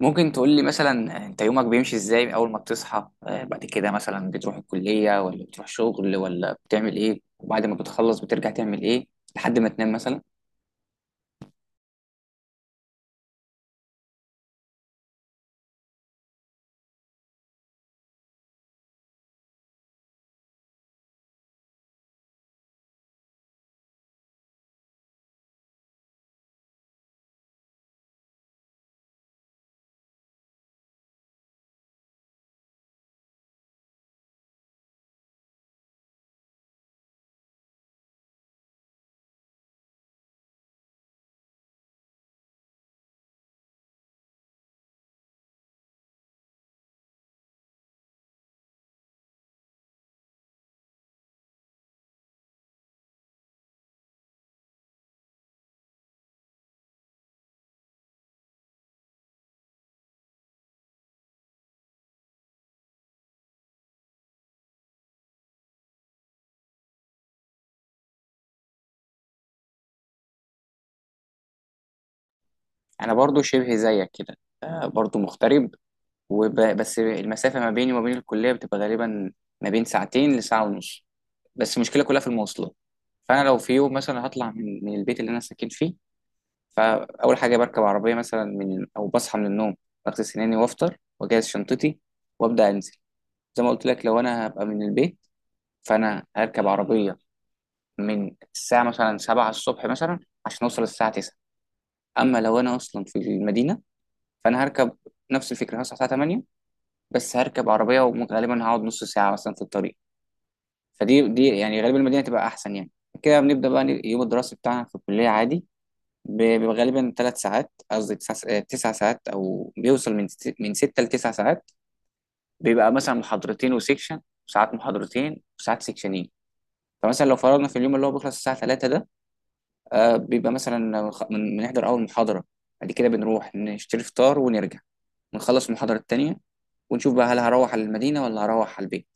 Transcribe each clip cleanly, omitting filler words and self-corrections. ممكن تقول لي مثلا انت يومك بيمشي ازاي اول ما بتصحى؟ بعد كده مثلا بتروح الكلية ولا بتروح شغل ولا بتعمل ايه؟ وبعد ما بتخلص بترجع تعمل ايه لحد ما تنام مثلا؟ انا برضو شبه زيك كده. آه، برضو مغترب. بس المسافة ما بيني وما بين الكلية بتبقى غالبا ما بين ساعتين لساعة ونص، بس المشكلة كلها في المواصلات. فانا لو في يوم مثلا هطلع من البيت اللي انا ساكن فيه، فاول حاجة بركب عربية مثلا من او بصحى من النوم، بغسل سناني وافطر واجهز شنطتي وابدا انزل. زي ما قلت لك، لو انا هبقى من البيت فانا هركب عربيه من الساعه مثلا 7 الصبح مثلا عشان اوصل الساعه 9. اما لو انا اصلا في المدينه فانا هركب نفس الفكره، هصحى الساعه 8 بس هركب عربيه وغالبا هقعد نص ساعه مثلا في الطريق. فدي يعني غالبا المدينه تبقى احسن يعني. كده بنبدا بقى اليوم الدراسي بتاعنا في الكليه عادي. بيبقى غالبا ثلاث ساعات قصدي تسع س- آه، تسع ساعات، او بيوصل من ستة لتسع ساعات. بيبقى مثلا محاضرتين وسيكشن، ساعات محاضرتين وساعات سيكشنين. فمثلا لو فرضنا في اليوم اللي هو بيخلص الساعة 3 ده، بيبقى مثلا خ- من بنحضر أول محاضرة، بعد كده بنروح نشتري فطار ونرجع ونخلص المحاضرة التانية، ونشوف بقى هل هروح على المدينة ولا هروح على البيت.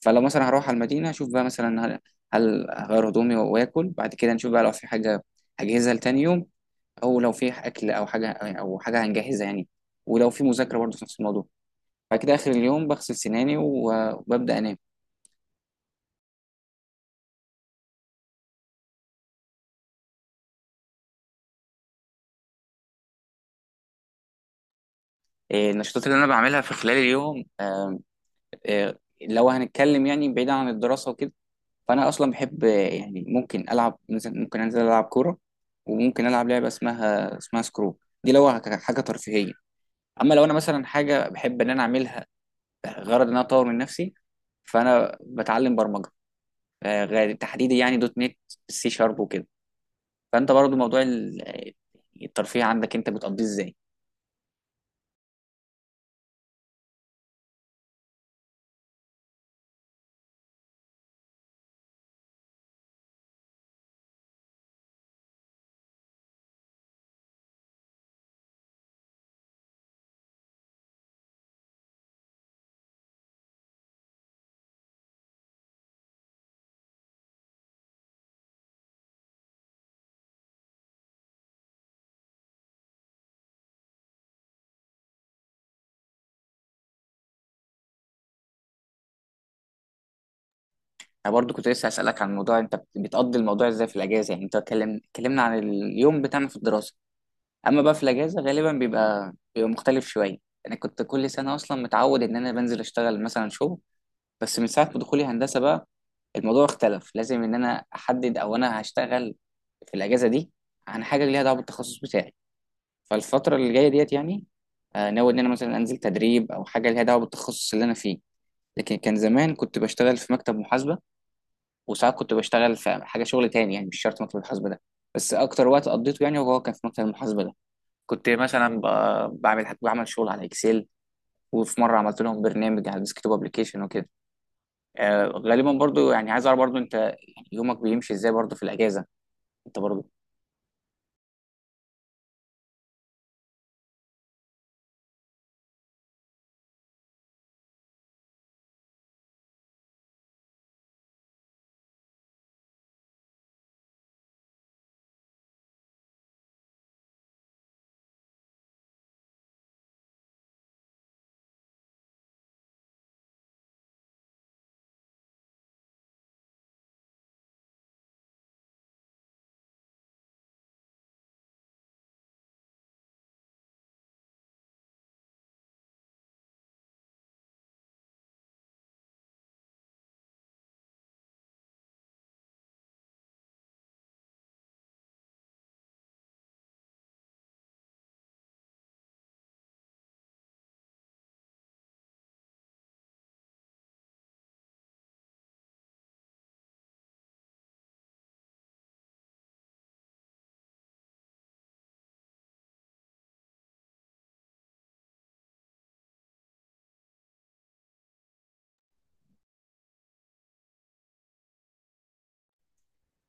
فلو مثلا هروح على المدينة أشوف بقى مثلا هل هغير هدومي وآكل، بعد كده نشوف بقى لو في حاجة هجهزها لتاني يوم، أو لو في أكل أو حاجة أو حاجة هنجهزها يعني، ولو في مذاكرة برضه في نفس الموضوع. بعد كده آخر اليوم بغسل سناني وببدأ أنام. إيه، النشاطات اللي أنا بعملها في خلال اليوم. لو هنتكلم يعني بعيدا عن الدراسة وكده، فأنا أصلا بحب. يعني ممكن ألعب، مثلا أنزل ألعب كورة، وممكن ألعب لعبة اسمها سكرو. دي لو حاجة ترفيهية. أما لو أنا مثلا حاجة بحب إن أنا أعملها غرض إن أنا أطور من نفسي، فأنا بتعلم برمجة. تحديدا يعني دوت نت، سي شارب وكده. فأنت برضو موضوع الترفيه عندك أنت بتقضيه إزاي؟ أنا برضو كنت لسه هسألك عن الموضوع. أنت بتقضي الموضوع إزاي في الأجازة يعني؟ أنت اتكلمنا عن اليوم بتاعنا في الدراسة. اما بقى في الاجازه غالبا بيبقى مختلف شويه. انا كنت كل سنه اصلا متعود ان انا بنزل اشتغل مثلا شغل، بس من ساعه ما دخولي هندسه بقى الموضوع اختلف. لازم ان انا احدد او انا هشتغل في الاجازه دي عن حاجه ليها دعوه بالتخصص بتاعي. فالفتره اللي جايه ديت يعني، ناوي ان انا مثلا انزل تدريب او حاجه ليها دعوه بالتخصص اللي انا فيه. لكن كان زمان كنت بشتغل في مكتب محاسبه، وساعات كنت بشتغل في حاجه شغل تاني يعني، مش شرط مكتب المحاسبه ده، بس اكتر وقت قضيته يعني هو كان في مكتب المحاسبه ده. كنت مثلا بعمل شغل على اكسل، وفي مره عملت لهم برنامج على الديسكتوب ابلكيشن وكده. آه غالبا برضو يعني عايز اعرف برضو انت يعني يومك بيمشي ازاي برضو في الاجازه انت برضو؟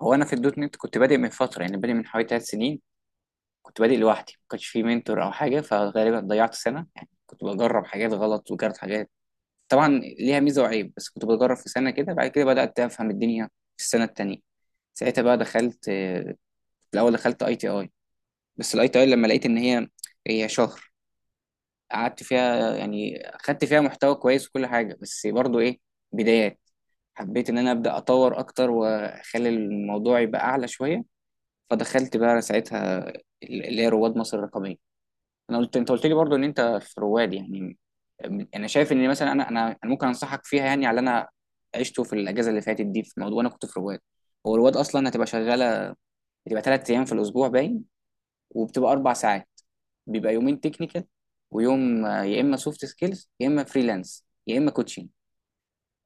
هو انا في الدوت نت كنت بادئ من فتره يعني، بادئ من حوالي ثلاث سنين. كنت بادئ لوحدي، ما كانش في منتور او حاجه، فغالبا ضيعت سنه يعني، كنت بجرب حاجات غلط وجربت حاجات طبعا ليها ميزه وعيب، بس كنت بجرب في سنه كده. بعد كده بدات افهم الدنيا في السنه التانيه. ساعتها بقى دخلت، في الاول دخلت اي تي اي. بس الاي تي اي لما لقيت ان هي شهر، قعدت فيها يعني، خدت فيها محتوى كويس وكل حاجه، بس برضو ايه، بدايات. حبيت ان انا ابدا اطور اكتر واخلي الموضوع يبقى اعلى شويه، فدخلت بقى ساعتها اللي هي رواد مصر الرقميه. انا قلت انت قلت لي برضو ان انت في رواد يعني. انا شايف ان مثلا انا ممكن انصحك فيها يعني على اللي انا عشته في الاجازه اللي فاتت دي، في موضوع انا كنت في رواد. هو رواد اصلا هتبقى شغاله، هتبقى ثلاث ايام في الاسبوع باين، وبتبقى اربع ساعات، بيبقى يومين تكنيكال ويوم، يا اما سوفت سكيلز يا اما فريلانس يا اما كوتشنج.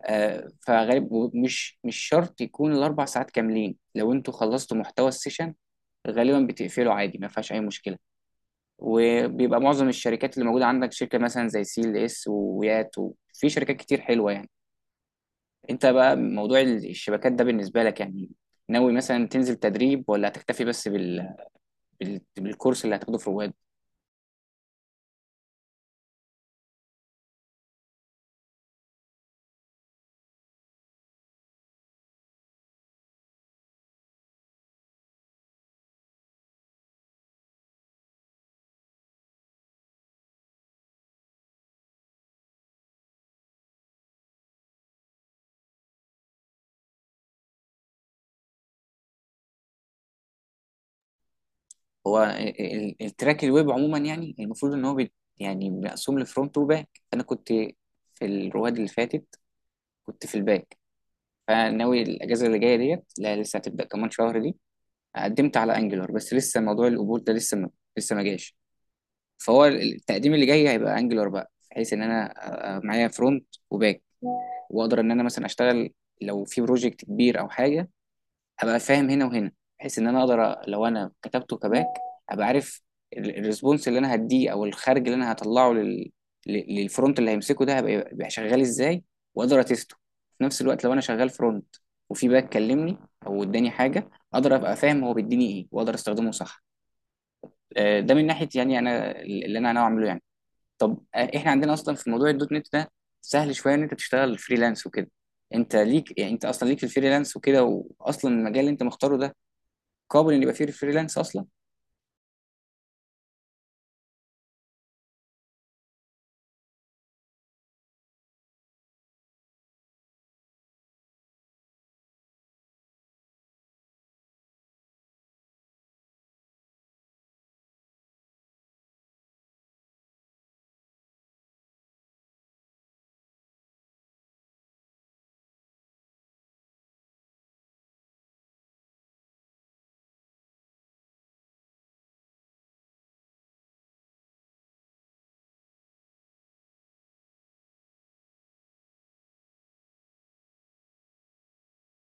آه، فغالب مش شرط يكون الاربع ساعات كاملين، لو انتوا خلصتوا محتوى السيشن غالبا بتقفله عادي، ما فيهاش اي مشكله. وبيبقى معظم الشركات اللي موجوده عندك شركه مثلا زي سي ال اس ويات، وفي شركات كتير حلوه يعني. انت بقى موضوع الشبكات ده بالنسبه لك يعني، ناوي مثلا تنزل تدريب ولا هتكتفي بس بالكورس اللي هتاخده في رواد؟ هو التراك الويب عموما يعني المفروض ان هو بي، يعني مقسوم لفرونت وباك. انا كنت في الرواد اللي فاتت كنت في الباك، فناوي الاجازه اللي جايه ديت، لا لسه هتبدا كمان شهر دي. قدمت على انجلر بس لسه موضوع القبول ده لسه ما جاش. فهو التقديم اللي جاي هيبقى انجلر بقى، بحيث ان انا معايا فرونت وباك واقدر ان انا مثلا اشتغل. لو في بروجكت كبير او حاجه، ابقى فاهم هنا وهنا، بحيث ان انا اقدر لو انا كتبته كباك ابقى عارف الريسبونس اللي انا هديه او الخارج اللي انا هطلعه للفرونت اللي هيمسكه ده هبقى يبقى شغال ازاي، واقدر اتسته. في نفس الوقت لو انا شغال فرونت وفي باك كلمني او اداني حاجه، اقدر ابقى فاهم هو بيديني ايه واقدر استخدمه صح. آه، ده من ناحيه يعني انا اللي انا ناوي اعمله يعني. طب آه، احنا عندنا اصلا في موضوع الدوت نت ده سهل شويه ان انت تشتغل فريلانس وكده. انت ليك يعني، انت اصلا ليك في الفريلانس وكده، واصلا المجال اللي انت مختاره ده قابل ان يبقى فيه فريلانس اصلا؟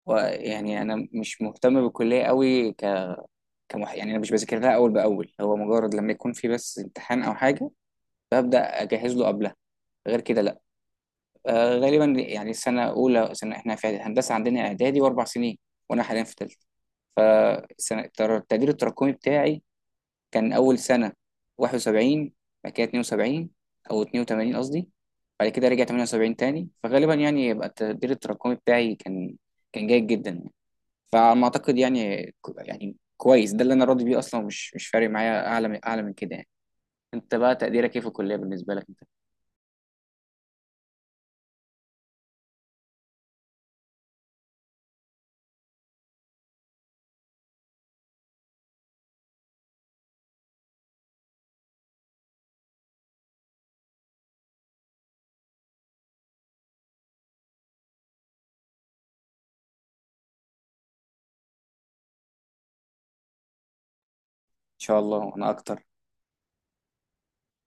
ويعني انا مش مهتم بالكليه قوي، يعني انا مش بذاكر لها اول باول، هو مجرد لما يكون في بس امتحان او حاجه ببدا اجهز له قبلها، غير كده لا. آه غالبا يعني سنه اولى سنه، احنا في هندسه عندنا اعدادي واربع سنين، وانا حاليا في ثالثه. فالسنه التقدير التراكمي بتاعي كان اول سنه 71، بعد كده 72 او 82 قصدي، بعد كده رجع 78 تاني. فغالبا يعني يبقى التقدير التراكمي بتاعي كان، كان جيد جدا يعني. فعلى ما اعتقد يعني، يعني كويس ده اللي انا راضي بيه اصلا، ومش مش فارق معايا اعلى من كده يعني. انت بقى تقديرك ايه في الكليه بالنسبه لك انت؟ ان شاء الله وانا اكتر.